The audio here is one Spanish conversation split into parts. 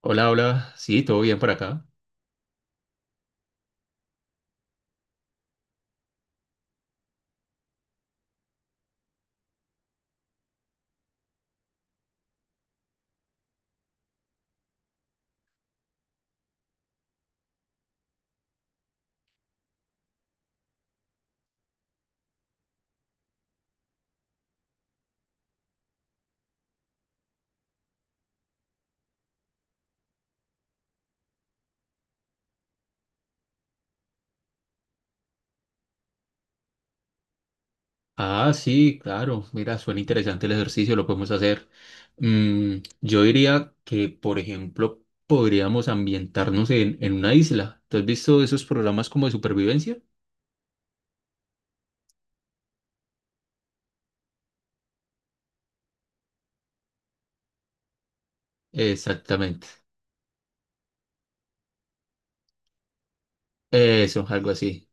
Hola, hola. Sí, todo bien por acá. Ah, sí, claro. Mira, suena interesante el ejercicio, lo podemos hacer. Mm, yo diría que, por ejemplo, podríamos ambientarnos en una isla. ¿Tú has visto esos programas como de supervivencia? Exactamente. Eso, algo así.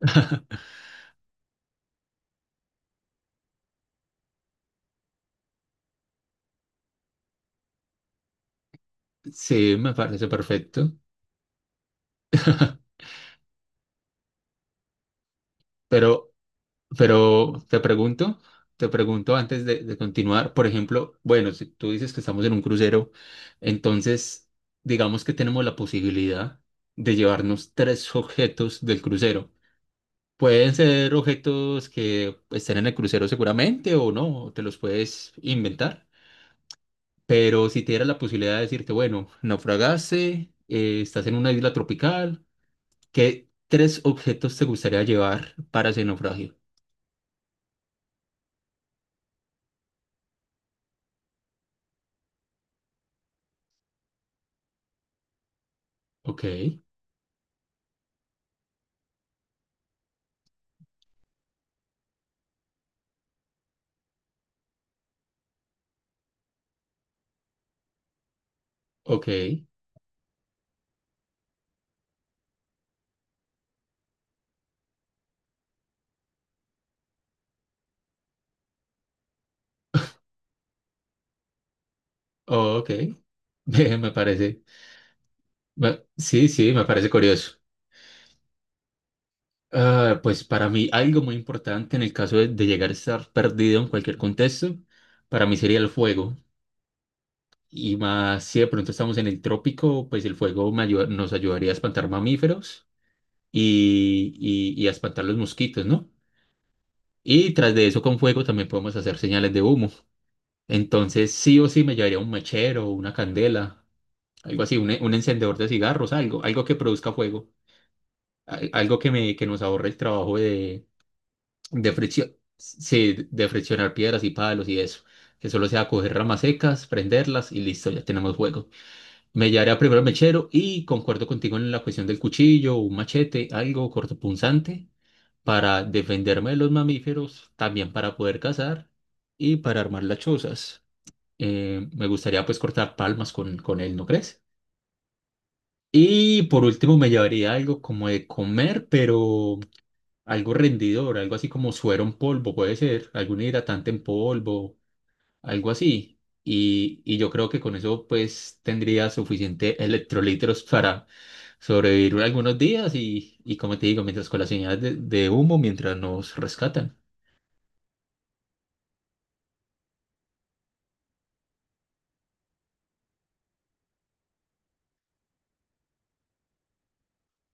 Sí, me parece perfecto. Pero Pero te pregunto antes de continuar, por ejemplo, bueno, si tú dices que estamos en un crucero, entonces digamos que tenemos la posibilidad de llevarnos tres objetos del crucero. Pueden ser objetos que estén en el crucero seguramente o no, o te los puedes inventar, pero si te diera la posibilidad de decirte, bueno, naufragaste, estás en una isla tropical, ¿qué tres objetos te gustaría llevar para ese naufragio? Ok, ok. Oh, ok, me parece, me- sí, sí, me parece curioso. Ah, pues para mí algo muy importante en el caso de llegar a estar perdido en cualquier contexto, para mí sería el fuego. Y más si de pronto estamos en el trópico, pues el fuego me ayuda- nos ayudaría a espantar mamíferos y, y a espantar los mosquitos, ¿no? Y tras de eso con fuego también podemos hacer señales de humo. Entonces sí o sí me llevaría un mechero, una candela, algo así, un encendedor de cigarros, algo, algo que produzca fuego. Que nos ahorre el trabajo de fricción, sí, de friccionar piedras y palos y eso. Que solo sea coger ramas secas, prenderlas y listo, ya tenemos juego. Me llevaré primero al mechero y concuerdo contigo en la cuestión del cuchillo, un machete, algo cortopunzante para defenderme de los mamíferos, también para poder cazar y para armar las chozas. Me gustaría pues cortar palmas con él, ¿no crees? Y por último me llevaría algo como de comer, pero algo rendidor, algo así como suero en polvo, puede ser, algún hidratante en polvo, algo así. Y yo creo que con eso pues tendría suficiente electrolitos para sobrevivir algunos días y como te digo, mientras con las señales de humo, mientras nos rescatan.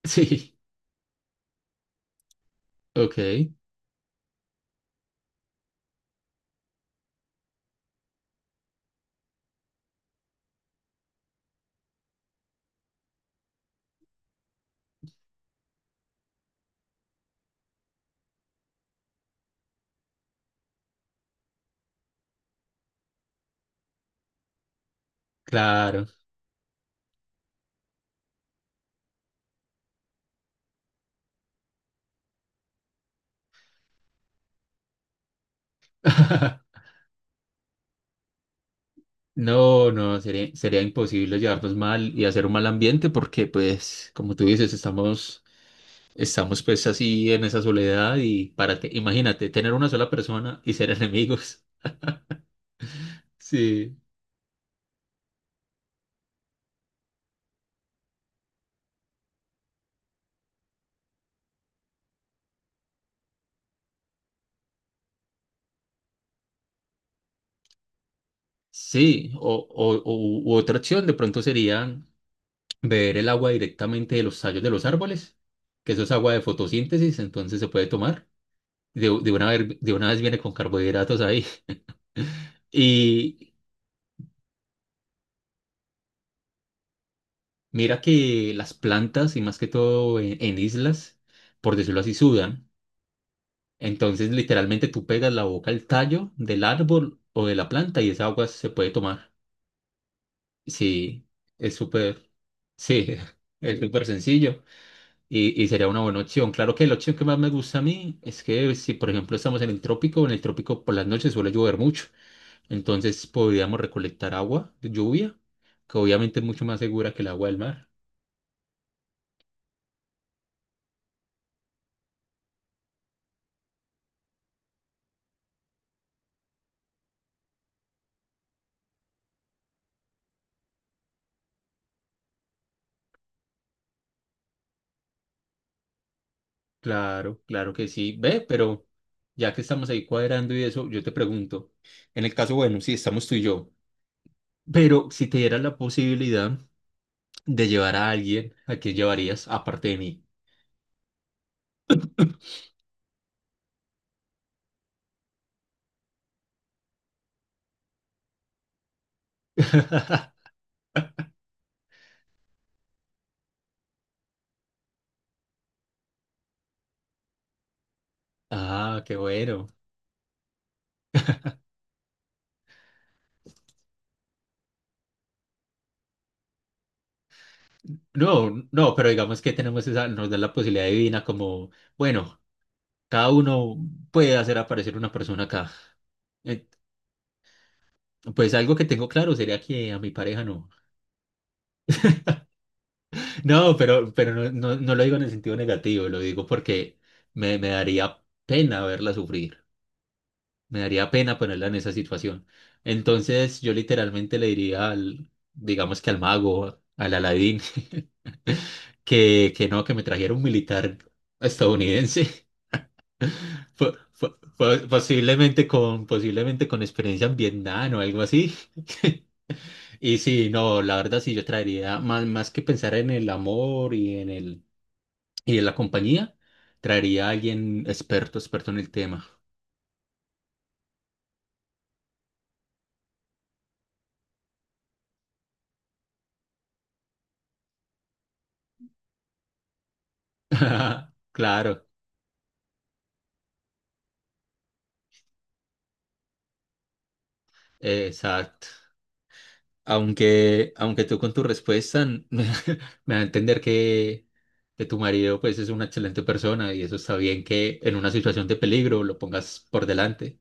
Sí, ok, claro. No, no, sería, sería imposible llevarnos mal y hacer un mal ambiente porque pues, como tú dices, estamos pues así en esa soledad y imagínate, tener una sola persona y ser enemigos. Sí. Sí, o- u otra opción de pronto sería beber el agua directamente de los tallos de los árboles, que eso es agua de fotosíntesis, entonces se puede tomar. De una vez, de una vez viene con carbohidratos ahí. Y mira que las plantas, y más que todo en islas, por decirlo así, sudan. Entonces, literalmente tú pegas la boca al tallo del árbol o de la planta y esa agua se puede tomar. Sí, es súper, sí, es súper sencillo y sería una buena opción. Claro que la opción que más me gusta a mí es que si, por ejemplo, estamos en el trópico por las noches suele llover mucho. Entonces podríamos recolectar agua de lluvia, que obviamente es mucho más segura que el agua del mar. Claro, claro que sí. Ve, pero ya que estamos ahí cuadrando y eso, yo te pregunto, en el caso, bueno, si estamos tú y yo. Pero si te dieras la posibilidad de llevar a alguien, ¿a quién llevarías aparte de mí? Ah, qué bueno. No, no, pero digamos que tenemos esa, nos da la posibilidad divina como, bueno, cada uno puede hacer aparecer una persona acá. Eh, Pues algo que tengo claro sería que a mi pareja no. No, pero no, no lo digo en el sentido negativo, lo digo porque me daría pena verla sufrir. Me daría pena ponerla en esa situación. Entonces yo literalmente le diría al, digamos que al mago, al Aladín, que no, que me trajera un militar estadounidense, po- po- posiblemente posiblemente con experiencia en Vietnam o algo así. Y sí, no, la verdad sí, yo traería, más que pensar en el amor y en la compañía, traería a alguien experto, experto en el tema. Claro, exacto. Aunque tú con tu respuesta n- me da a entender que tu marido pues es una excelente persona y eso está bien que en una situación de peligro lo pongas por delante.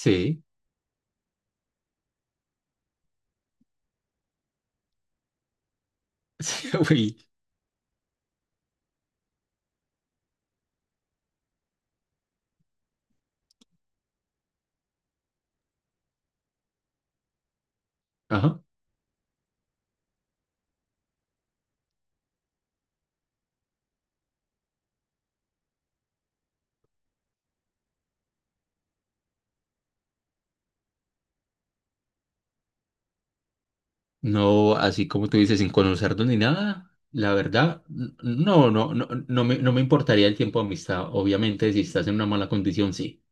Sí, sí, uy, ajá. No, así como tú dices, sin conocernos ni nada, la verdad, n- no, no, no, no me importaría el tiempo de amistad. Obviamente, si estás en una mala condición, sí.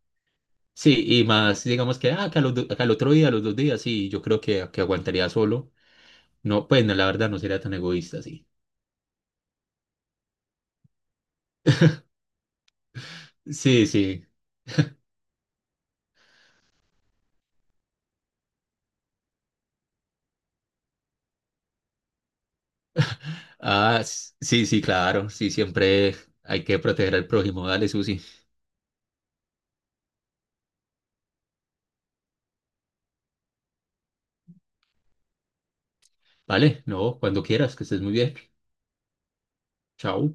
Sí, y más, digamos que, ah, otro que al otro día, a los dos días, sí, yo creo que aguantaría solo. No, pues no, la verdad no sería tan egoísta, sí. Sí, sí. Ah, s- sí, sí, claro. Sí, siempre hay que proteger al prójimo. Dale, Susi. Vale, no, cuando quieras, que estés muy bien. Chao.